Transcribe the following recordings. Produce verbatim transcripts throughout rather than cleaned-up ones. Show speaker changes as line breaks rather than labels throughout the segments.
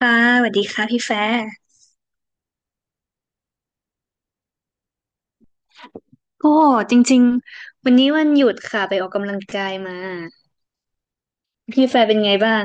ค่ะสวัสดีค่ะพี่แฟร์โอ้จริงๆวันนี้วันหยุดค่ะไปออกกำลังกายมาพี่แฟร์เป็นไงบ้าง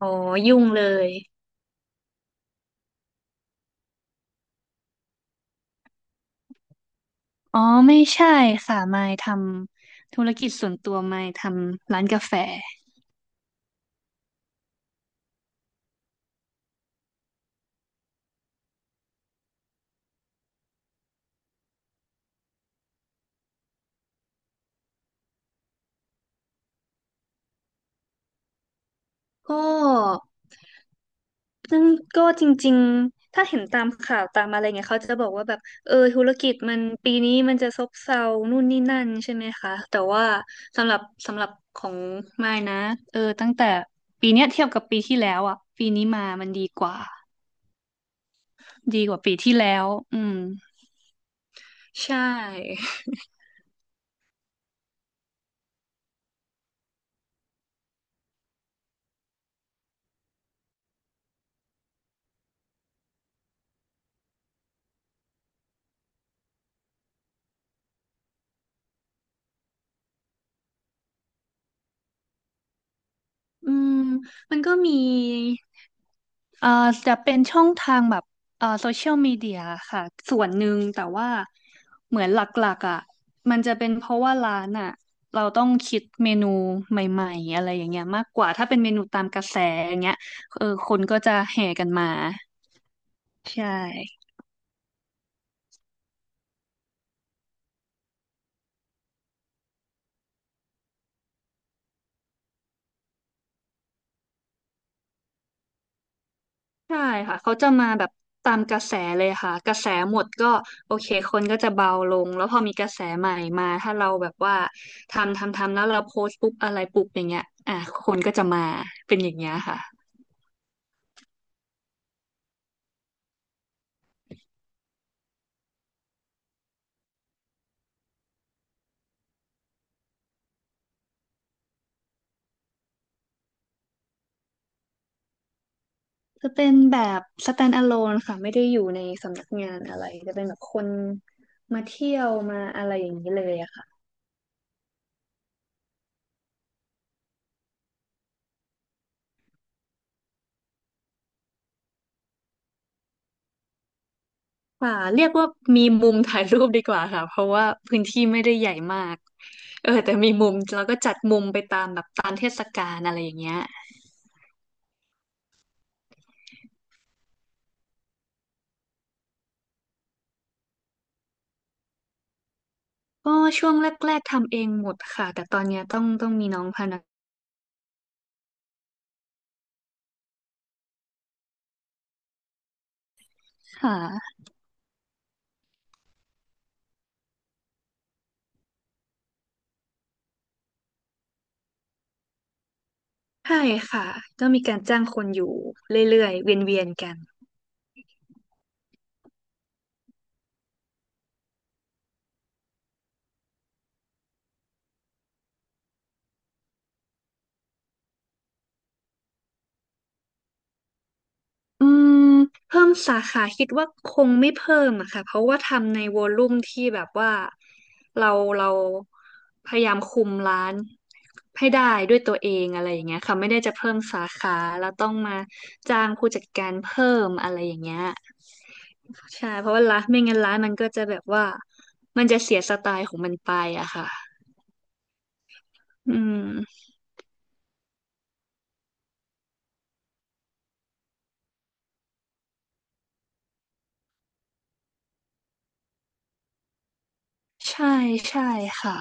อ๋อยุ่งเลยอ๋อไม่ใช่ค่ะมายทำธุรกิจส่วนตัวมายทำร้านกาแฟก็ ซึ่งก็จริงๆ ถ้าเห็นตามข่าวตามอะไรเงี้ยเขาจะบอกว่าแบบเออธุรกิจมันปีนี้มันจะซบเซานู่นนี่นั่นใช่ไหมคะแต่ว่าสำหรับสำหรับของมายนะเออตั้งแต่ปีเนี้ยเทียบกับปีที่แล้วอ่ะปีนี้มามันดีกว่าดีกว่าปีที่แล้วอืมใช่อืมมันก็มี เอ่อจะเป็นช่องทางแบบเอ่อโซเชียลมีเดียค่ะส่วนหนึ่งแต่ว่าเหมือนหลักๆอ่ะมันจะเป็นเพราะว่าร้านอ่ะเราต้องคิดเมนูใหม่ๆอะไรอย่างเงี้ยมากกว่าถ้าเป็นเมนูตามกระแสอย่างเงี้ยเออคนก็จะแห่กันมาใช่ ใช่ค่ะเขาจะมาแบบตามกระแสเลยค่ะกระแสหมดก็โอเคคนก็จะเบาลงแล้วพอมีกระแสใหม่มาถ้าเราแบบว่าทำทำทำแล้วเราโพสต์ปุ๊บอะไรปุ๊บอย่างเงี้ยอ่ะคนก็จะมาเป็นอย่างเงี้ยค่ะจะเป็นแบบ stand alone ค่ะไม่ได้อยู่ในสำนักงานอะไรจะเป็นแบบคนมาเที่ยวมาอะไรอย่างนี้เลยอะค่ะค่ะเรียกว่ามีมุมถ่ายรูปดีกว่าค่ะเพราะว่าพื้นที่ไม่ได้ใหญ่มากเออแต่มีมุมเราก็จัดมุมไปตามแบบตามเทศกาลอะไรอย่างเงี้ย ก็ช่วงแรกๆทำเองหมดค่ะแต่ตอนเนี้ยต้องต้องมีน้องพนักค่ะใช่ค่ะต้องมีการจ้างคนอยู่เรื่อยๆเวียนๆกันอืมเพิ่มสาขาคิดว่าคงไม่เพิ่มอะค่ะเพราะว่าทำในวอลลุ่มที่แบบว่าเราเราพยายามคุมร้านให้ได้ด้วยตัวเองอะไรอย่างเงี้ยค่ะไม่ได้จะเพิ่มสาขาแล้วต้องมาจ้างผู้จัดการเพิ่มอะไรอย่างเงี้ย ใช่เพราะว่าร้านไม่งั้นร้านมันก็จะแบบว่ามันจะเสียสไตล์ของมันไปอะค่ะอืมใช่ใช่ค่ะ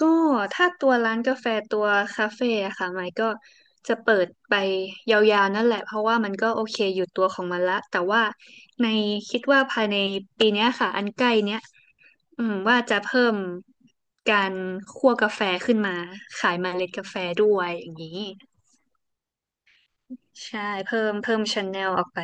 ก็ถ้าตัวร้านกาแฟตัวคาเฟ่อะค่ะไมค์ก็จะเปิดไปยาวๆนั่นแหละเพราะว่ามันก็โอเคอยู่ตัวของมันละแต่ว่าในคิดว่าภายในปีเนี้ยค่ะอันใกล้เนี้ยอืมว่าจะเพิ่มการคั่วกาแฟขึ้นมาขายเมล็ดกาแฟด้วยอย่างนี้ใช่เพิ่มเพิ่มช n แนลออกไป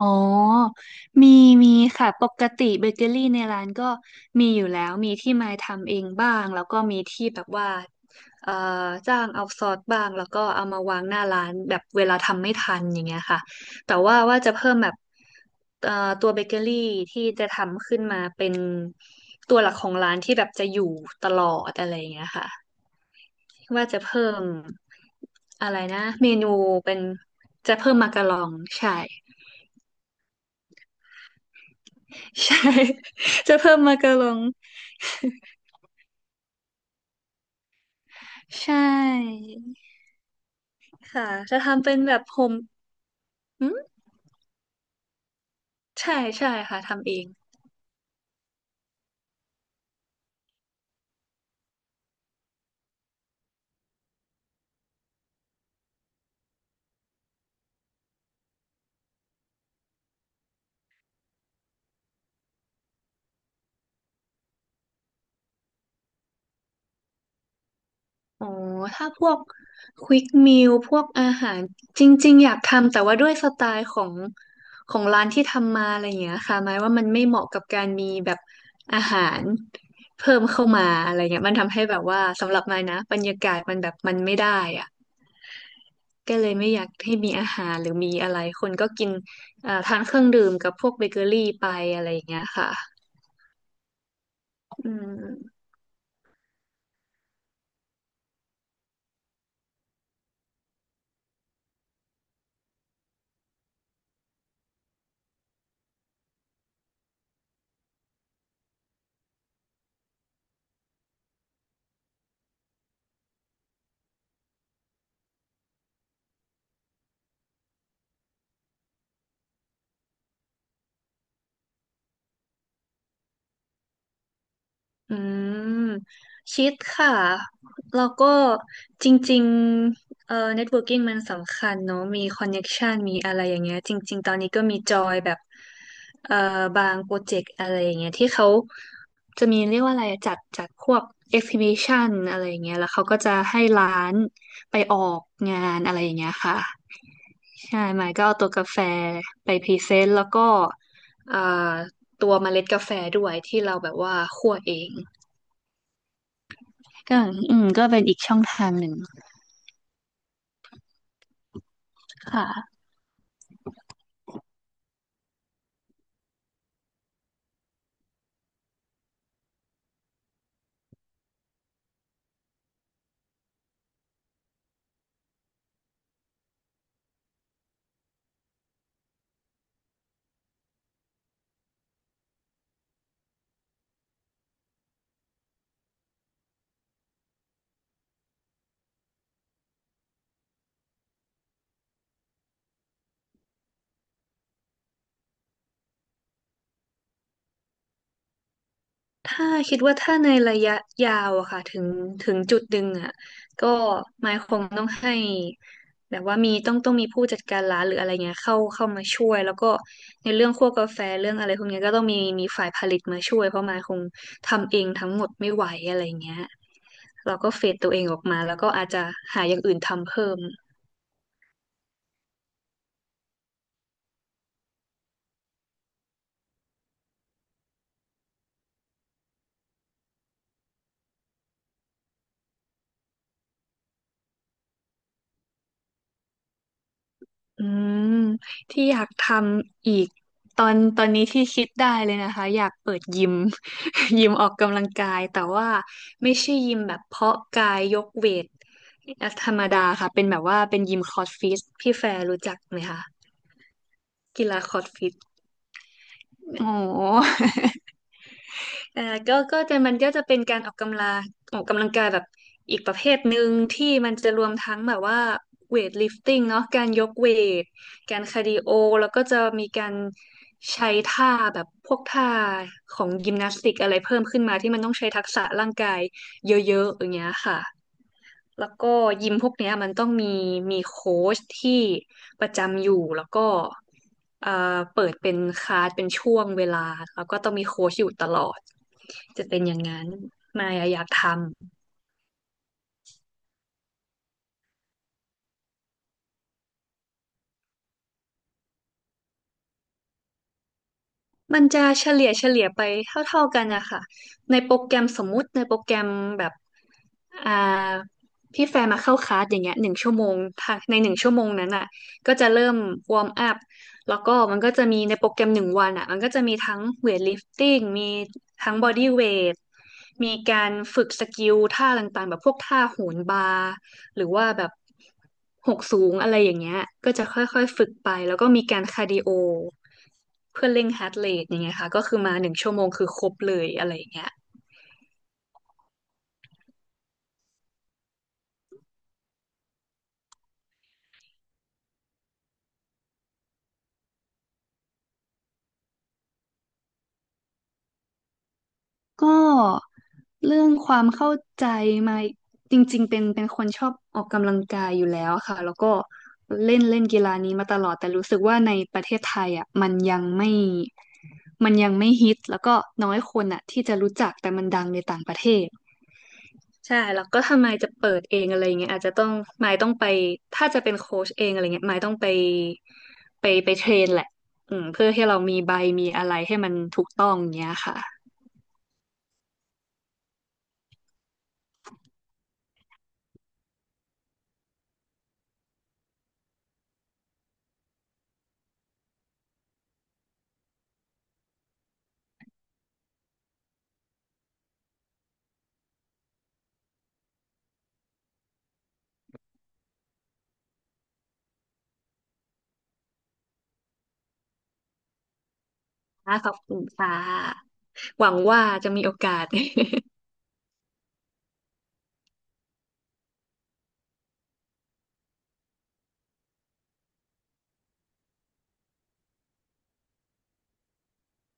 อ๋อมีมีค่ะปกติเบเกอรี่ในร้านก็มีอยู่แล้วมีที่ไม้ทำเองบ้างแล้วก็มีที่แบบว่าเอ่อจ้างเอาซอสบ้างแล้วก็เอามาวางหน้าร้านแบบเวลาทำไม่ทันอย่างเงี้ยค่ะแต่ว่าว่าจะเพิ่มแบบเอ่อตัวเบเกอรี่ที่จะทำขึ้นมาเป็นตัวหลักของร้านที่แบบจะอยู่ตลอดอะไรอย่างเงี้ยค่ะว่าจะเพิ่มอะไรนะเมนูเป็นจะเพิ่มมาการองใช่ ใช่ จะเพิ่มมากะลองใช่ค่ะจะทำเป็นแบบผมอืมใช่ใช่ค่ะทำเองอ๋อถ้าพวกควิกมิลพวกอาหารจริงๆอยากทำแต่ว่าด้วยสไตล์ของของร้านที่ทำมาอะไรอย่างเงี้ยค่ะหมายว่ามันไม่เหมาะกับการมีแบบอาหารเพิ่มเข้ามาอะไรเงี้ยมันทำให้แบบว่าสำหรับมายนะบรรยากาศมันแบบมันไม่ได้อะ ก็เลยไม่อยากให้มีอาหารหรือมีอะไรคนก็กินเอ่อทานเครื่องดื่มกับพวกเบเกอรี่ไปอะไรอย่างเงี้ยค่ะอืมอืมคิดค่ะแล้วก็จริงๆเอ่อ networking มันสำคัญเนอะมี connection มีอะไรอย่างเงี้ยจริงๆตอนนี้ก็มีจอยแบบเอ่อบางโปรเจกต์อะไรอย่างเงี้ยที่เขาจะมีเรียกว่าอะไรอะจัดจัดพวก exhibition อะไรอย่างเงี้ยแล้วเขาก็จะให้ร้านไปออกงานอะไรอย่างเงี้ยค่ะ ใช่ไมค์ก็เอาตัวกาแฟไปพรีเซนต์แล้วก็เอ่อตัวเมล็ดกาแฟด้วยที่เราแบบว่าคั่วเองก็อืมก็เป็นอีกช่องทางหนึ่งค่ะ ถ้าคิดว่าถ้าในระยะยาวอะค่ะถึงถึงจุดหนึ่งอะก็ไมค์คงต้องให้แบบว่ามีต้องต้องมีผู้จัดการร้านหรืออะไรเงี้ยเข้าเข้ามาช่วยแล้วก็ในเรื่องคั่วกาแฟเรื่องอะไรพวกเนี้ยก็ต้องมีมีฝ่ายผลิตมาช่วยเพราะไมค์คงทำเองทั้งหมดไม่ไหวอะไรเงี้ยเราก็เฟดตัวเองออกมาแล้วก็อาจจะหาอย่างอื่นทำเพิ่ม อืมที่อยากทำอีกตอนตอนนี้ที่คิดได้เลยนะคะอยากเปิดยิม ยิมออกกำลังกายแต่ว่าไม่ใช่ยิมแบบเพาะกายยกเวทธรรมดาค่ะเป็นแบบว่าเป็นยิมคอร์สฟิตพี่แฟร์รู้จักไหมคะกีฬาคอร์สฟิตอ๋อ เอ่อก็ก็จะมันก็จะเป็นการออกกำลังออกกำลังกายแบบอีกประเภทหนึ่งที่มันจะรวมทั้งแบบว่าเวทลิฟติ้งเนาะการยกเวทการคาร์ดิโอแล้วก็จะมีการใช้ท่าแบบพวกท่าของยิมนาสติกอะไรเพิ่มขึ้นมาที่มันต้องใช้ทักษะร่างกายเยอะๆอย่างเงี้ยค่ะ แล้วก็ยิมพวกเนี้ยมันต้องมีมีโค้ชที่ประจำอยู่แล้วก็เอ่อเปิดเป็นคลาสเป็นช่วงเวลาแล้วก็ต้องมีโค้ชอยู่ตลอดจะเป็นอย่างนั้นมายอะอยากทำ มันจะเฉลี่ยเฉลี่ยไปเท่าๆกันนะคะในโปรแกรมสมมุติในโปรแกรมแบบอ่าพี่แฟร์มาเข้าคลาสอย่างเงี้ยหนึ่งชั่วโมงถ้าในหนึ่งชั่วโมงนั้นอ่ะก็จะเริ่มวอร์มอัพแล้วก็มันก็จะมีในโปรแกรมหนึ่งวันอ่ะมันก็จะมีทั้งเวทลิฟติ้งมีทั้งบอดี้เวทมีการฝึกสกิลท่าต่างๆแบบพวกท่าโหนบาร์ หรือว่าแบบหกสูงอะไรอย่างเงี้ยก็จะค่อยๆฝึกไป แล้วก็มีการคาร์ดิโอ เพื่อเร่งฮาร์ทเรทอย่างเงี้ยค่ะ ก็คือมาหนึ่งชั่วโมงคือครบเลยอะไรอย่างเงี้ยก็เรื่องความเข้าใจมาจริงๆเป็นเป็นคนชอบออกกำลังกายอยู่แล้วค่ะ แล้วก็เล่นเล่นกีฬานี้มาตลอด แต่รู้สึกว่าในประเทศไทยอ่ะมันยังไม่ มันยังไม่ฮิต แล้วก็น้อยคนอ่ะที่จะรู้จักแต่มันดังในต่างประเทศ ใช่แล้วก็ถ้าไมายจะเปิดเองอะไรเงี้ยอาจจะต้องไมคต้องไปถ้าจะเป็นโค้ชเองอะไรเงี้ยไมคต้องไปไปไปเทรนแหละอืมเพื่อให้เรามีใบมีอะไรให้มันถูกต้องเงี้ยค่ะค่ะขอบคุณค่ะหวังว่าจะมีโอกาส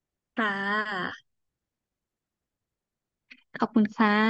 ค่ะขอบคุณค่ะ